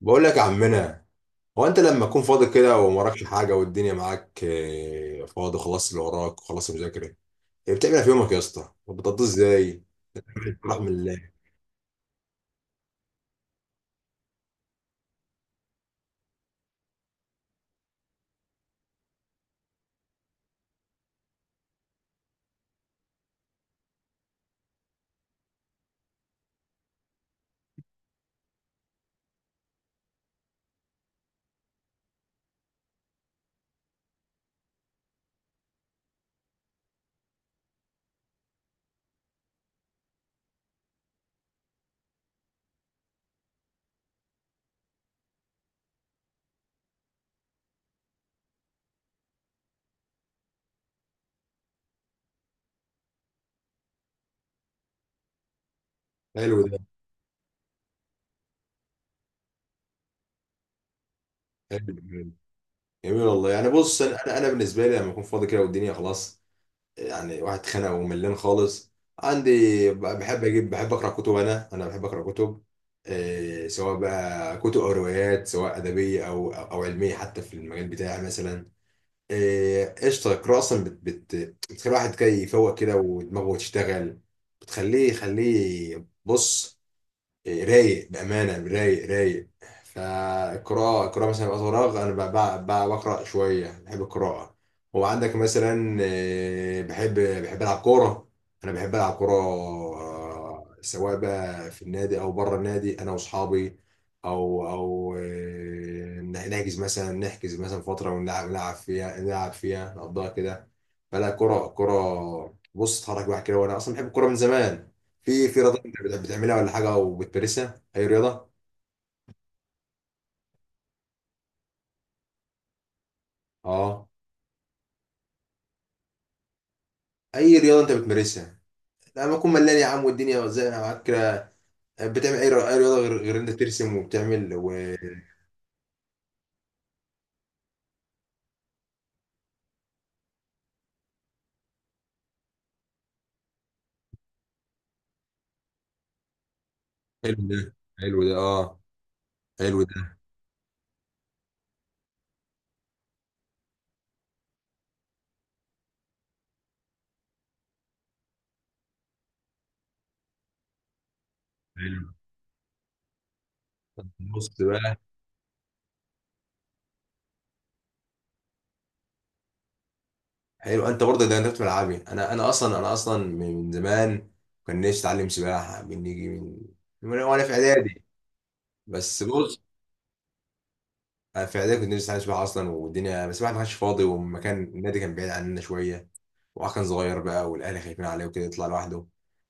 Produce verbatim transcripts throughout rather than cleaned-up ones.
بقول لك يا عمنا. هو انت لما تكون فاضي كده ومراكش حاجه والدنيا معاك آه، فاضي خلاص اللي وراك وخلاص المذاكره، إيه بتعمل؟ إيه في يومك يا اسطى بتقضيه ازاي؟ رحم الله. حلو ده. حلو جميل. جميل والله. يعني بص انا انا أنا بالنسبه لي لما اكون فاضي كده والدنيا خلاص، يعني واحد خانق وملان خالص، عندي ب- بحب اجيب بحب اقرا كتب، انا انا بحب اقرا كتب. آه، سواء بقى كتب او روايات، سواء ادبيه او او علميه، حتى في المجال بتاعي مثلا. آه، قشطة. القراءة أصلا بت بت بتخلي الواحد كده يفوق كده، ودماغه تشتغل. بتخليه يخليه بص، رايق بأمانة، رايق رايق. فالقراءة، القراءة مثلا وقت فراغ أنا ب- ب- ب- بقرأ شوية، بحب القراءة. هو عندك مثلا آه، بحب بحب ألعب كورة. أنا بحب ألعب كورة، آه، سواء بقى في النادي أو بره النادي، أنا وأصحابي. أو أو آه، نحجز مثلا، نحجز مثلا فترة ونلعب، نلعب فيها نلعب فيها نقضيها كده. فلا، كرة كرة بص، اتحرك الواحد كده. وأنا أصلا بحب الكورة من زمان. في في رياضة انت بت- بتعملها ولا حاجة وبتمارسها؟ أي رياضة؟ اه، أي رياضة انت بتمارسها لما أكون ملان يا عم والدنيا زي معاك كده؟ بتعمل أي رياضة، أي رياضة غير غير انت ترسم وبتعمل و... حلو ده. حلو ده اه. حلو ده. حلو. طب بص بقى. حلو، انت برضه ده انت في ملعبي. انا انا اصلا انا اصلا من من زمان كان نفسي اتعلم سباحه من نيجي من من وانا في اعدادي. بس بص، انا في اعدادي كنت نفسي اتعلم سباحه اصلا والدنيا، بس الواحد ما كانش فاضي والمكان النادي كان بعيد عننا شويه، وهو كان صغير بقى والاهل خايفين عليه وكده يطلع لوحده.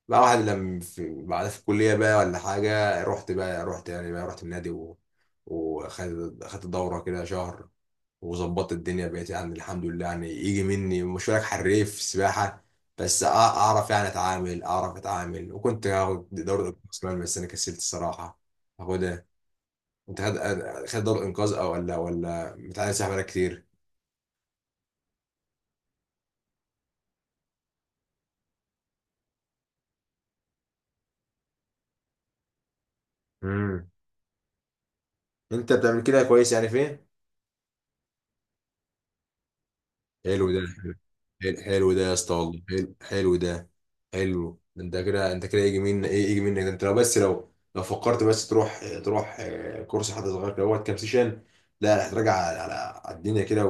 بقى واحد لما في بعدها في الكليه بقى ولا حاجه، رحت بقى، رحت يعني بقى رحت النادي و... وخدت خدت دوره كده شهر، وظبطت الدنيا، بقيت يعني الحمد لله يعني يجي مني، مش هقولك حريف سباحه، بس أع- اعرف يعني اتعامل، اعرف اتعامل. وكنت هاخد دوره انقاذ كمان، بس انا كسلت الصراحه. هاخدها. انت خد، خد دوره انقاذ. او ولا ولا متعلم سباحه بقالك كتير؟ امم. انت بتعمل كده كويس يعني فين. حلو ده حلو حلو حلو ده يا اسطى والله. حلو، حلو ده. حلو ده، انت كده، انت كده يجي منك ايه، يجي منك، ده انت لو بس لو لو فكرت بس تروح، تروح آه، كورس حد صغير كده، وقت كام سيشن، لا هتراجع على على على الدنيا كده،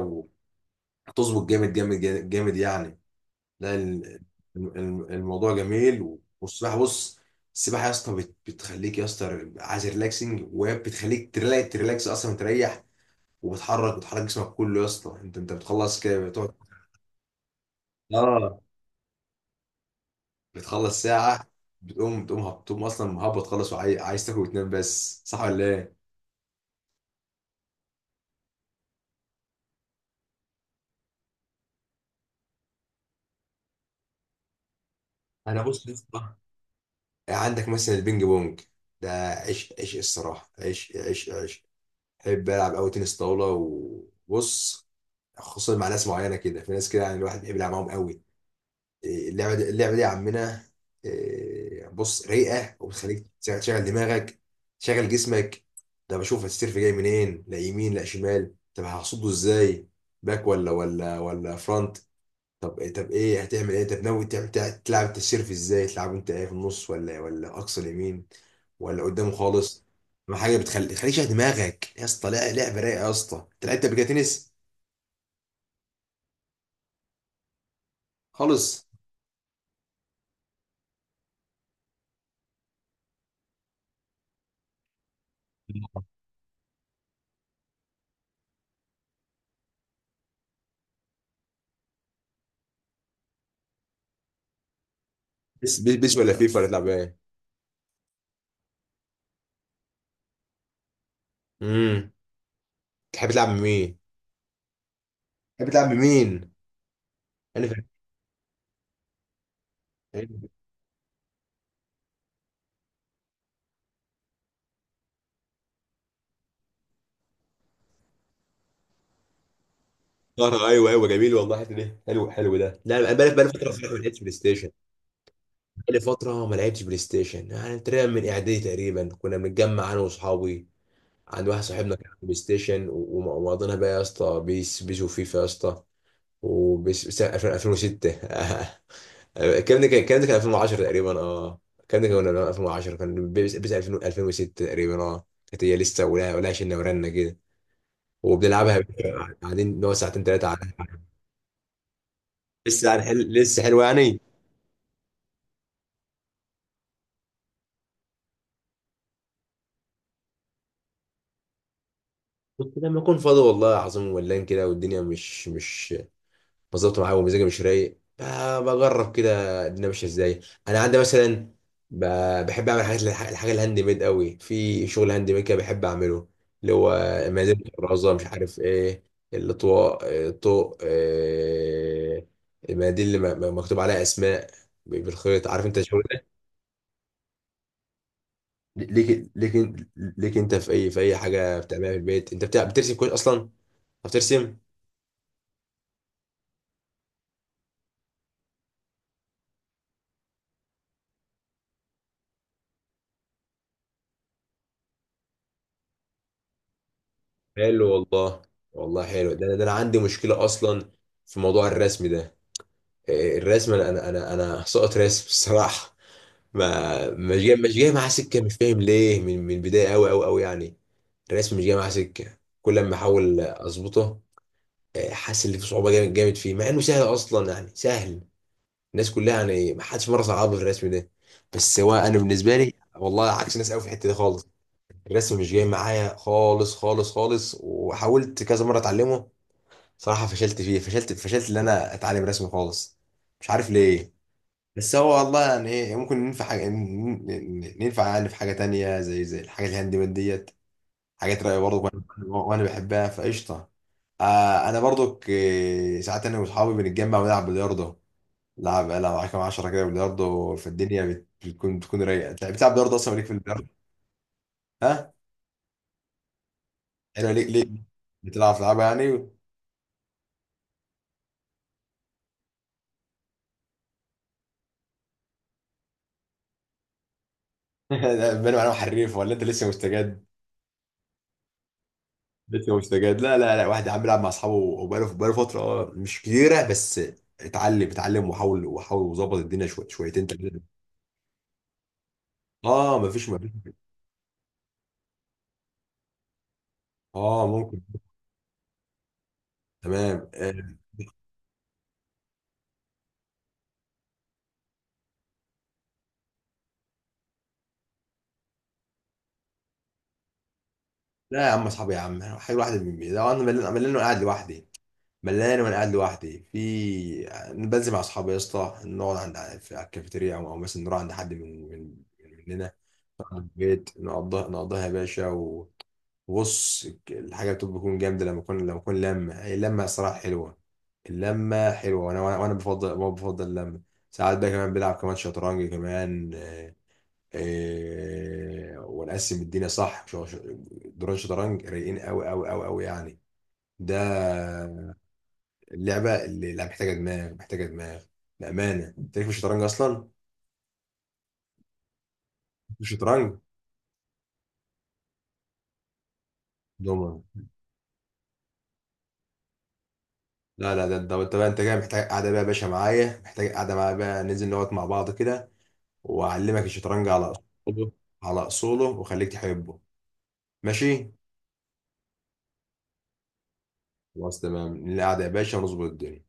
وهتظبط، جامد جامد جامد جامد يعني. لا ال- الم- الموضوع جميل. والسباحه بص، السباحه يا اسطى بت- بتخليك يا اسطى عايز ريلاكسنج، وبتخليك تريلا- تريلاكس اصلا، تريح، وبتحرك بتحرك جسمك كله يا اسطى. انت انت بتخلص كده بتقعد، اه. بتخلص ساعة، بتقوم بتقوم هب- بتقوم أصلا مهبط خالص، وعايز تاكل وتنام بس، صح ولا إيه؟ أنا بص يا اسطى، عندك مثلا البينج بونج، ده عيش عيش الصراحة، عيش عيش عيش. بحب ألعب أوي تنس طاولة. وبص، خصوصا مع ناس معينة كده، في ناس كده يعني الواحد بيحب يلعب معاهم أوي. إيه، اللعبه دي اللعبه دي يا عمنا، إيه، بص، رايقه، وبتخليك تشغل دماغك، تشغل جسمك. ده بشوف السيرف جاي منين، لا يمين لا شمال، طب هصده ازاي، باك ولا ولا ولا فرونت؟ طب إيه، طب ايه هتعمل ايه، طب ناوي تعمل تع- تلعب انت السيرف ازاي، تلعب انت ايه في النص ولا ولا اقصى اليمين، ولا قدامه خالص؟ ما حاجه بتخلي تخليك تشغل دماغك يا اسطى، لا لعبه رايقه يا اسطى. انت لعبت قبل كده تنس؟ خالص. بيس بيس بيس ولا فيفا ولا تلعب ايه؟ امم. تحب تلعب مين؟ تحب تلعب بمين؟ انا فاكر فترة. ايوه ايوه، جميل والله، الحته دي حلو. حلو ده، لا انا بقالي بقالي فتره صراحه ما لعبتش بلاي ستيشن. بقالي فتره ما لعبتش بلاي ستيشن، يعني تقريبا من اعدادي تقريبا. كنا بنتجمع انا واصحابي عند واحد صاحبنا كان عنده بلاي ستيشن و... وم- ومقضينا بقى يا اسطى بيس بيس وفيفا يا اسطى، وبيس بيس الفين وستة. الكلام ده كان، الكلام ده كان الفين وعشرة تقريبا، اه الكلام ده كان الفين وعشرة، كان بيس بيس الفين الفين وستة تقريبا، اه كانت هي لسه ولا ولا شلنا ورنا كده وبنلعبها، قاعدين نقعد ساعتين ثلاثه. لسه هنحل، لسه حلوه يعني. كنت لما اكون فاضي والله العظيم ولان كده والدنيا مش مش مظبوطه معايا ومزاجي مش رايق، ب- بجرب كده الدنيا ماشيه ازاي. انا عندي مثلا، ب- بحب اعمل حاجات، الح- الحاجه الهاند ميد قوي، في شغل هاند ميد كده بحب اعمله، اللي هو مزاد الرازه مش عارف ايه، الاطواق، آه، الطوق، آه، المناديل اللي م- م- مكتوب عليها اسماء ب- بالخيط، عارف انت الشغل. ليك ليك ليك انت في اي، في اي حاجه بتعملها في البيت، انت بتع... بترسم كويس اصلا، بترسم. حلو والله. والله حلو ده، انا ده انا عندي مشكله اصلا في موضوع الرسم ده، إيه، الرسم، انا انا انا انا سقط رسم الصراحه، ما مش جاي مش جاي معاه سكه، مش فاهم ليه، من من البدايه، قوي قوي قوي يعني. الرسم مش جاي معاه سكه، كل ما احاول اظبطه، إيه، حاسس ان في صعوبه جامد جامد فيه، مع انه سهل اصلا يعني، سهل، الناس كلها يعني، ما حدش مره صعبها في الرسم ده، بس هو انا بالنسبه لي والله عكس الناس قوي في الحته دي خالص، الرسم مش جاي معايا، خالص خالص خالص، وحاولت كذا مره اتعلمه صراحه، فشلت فيه، فشلت فشلت ان انا اتعلم رسم خالص، مش عارف ليه. بس هو والله يعني ايه، ممكن ننفع حاجه، ن- ن- ننفع يعني في حاجه تانية، زي زي الحاجات الهاند ميد ديت، حاجات رايقه برضه، وانا وأنا بحبها فقشطه. آه انا برضك، آه، ساعات انا واصحابي بنتجمع ونلعب بلياردو، لعب انا معاك كام عشرة كده بلياردو في الدنيا، بت- بتكون، بتكون رايقه. انت بتلعب بلياردو اصلا، ليك في البلياردو؟ ها. ايوه، ليك ليك. بتلعب، تلعبها يعني. لا، بنو انا حريف ولا انت لسه مستجد؟ لسه مستجد. لا لا لا، واحد يا عم بيلعب مع اصحابه وبقاله، بقاله فتره اه، مش كتيره، بس اتعلم، اتعلم وحاول، وحاول وظبط الدنيا شويه، شويتين تلاته. اه، مفيش مفيش. اه ممكن. تمام آه. لا يا عم اصحابي يا عم، حلو واحد من ده انا ملان، ملان وأنا قاعد لوحدي، ملان وانا قاعد لوحدي في، بنزل مع اصحابي يا اسطى، نقعد عند في على الكافيتيريا، او أو مثلا نروح عند حد من من مننا في البيت، نقضيها نقضيها يا باشا و... وبص الحاجه بتبقى بتكون جامده لما اكون، لما اكون لما هي اللمه صراحه حلوه، اللمه حلوه، وانا وانا وأنا بفضل ما بفضل اللمه. ساعات بقى كمان بلعب كمان شطرنج كمان، آه، آه، ونقسم الدنيا صح، شو- شو- دوران شطرنج رايقين، قوي قوي قوي قوي يعني. ده اللعبه اللي، لا محتاجه دماغ محتاجه دماغ. بامانه، انت ليك في الشطرنج اصلا؟ مش شطرنج، دوما. لا لا ده انت، انت بقى انت جاي محتاج قاعده بقى يا باشا معايا، محتاج قاعده معايا بقى، ننزل نقعد مع بعض كده، واعلمك الشطرنج على اصوله، على اصوله، واخليك تحبه. ماشي. خلاص تمام، نقعد يا باشا ونظبط الدنيا.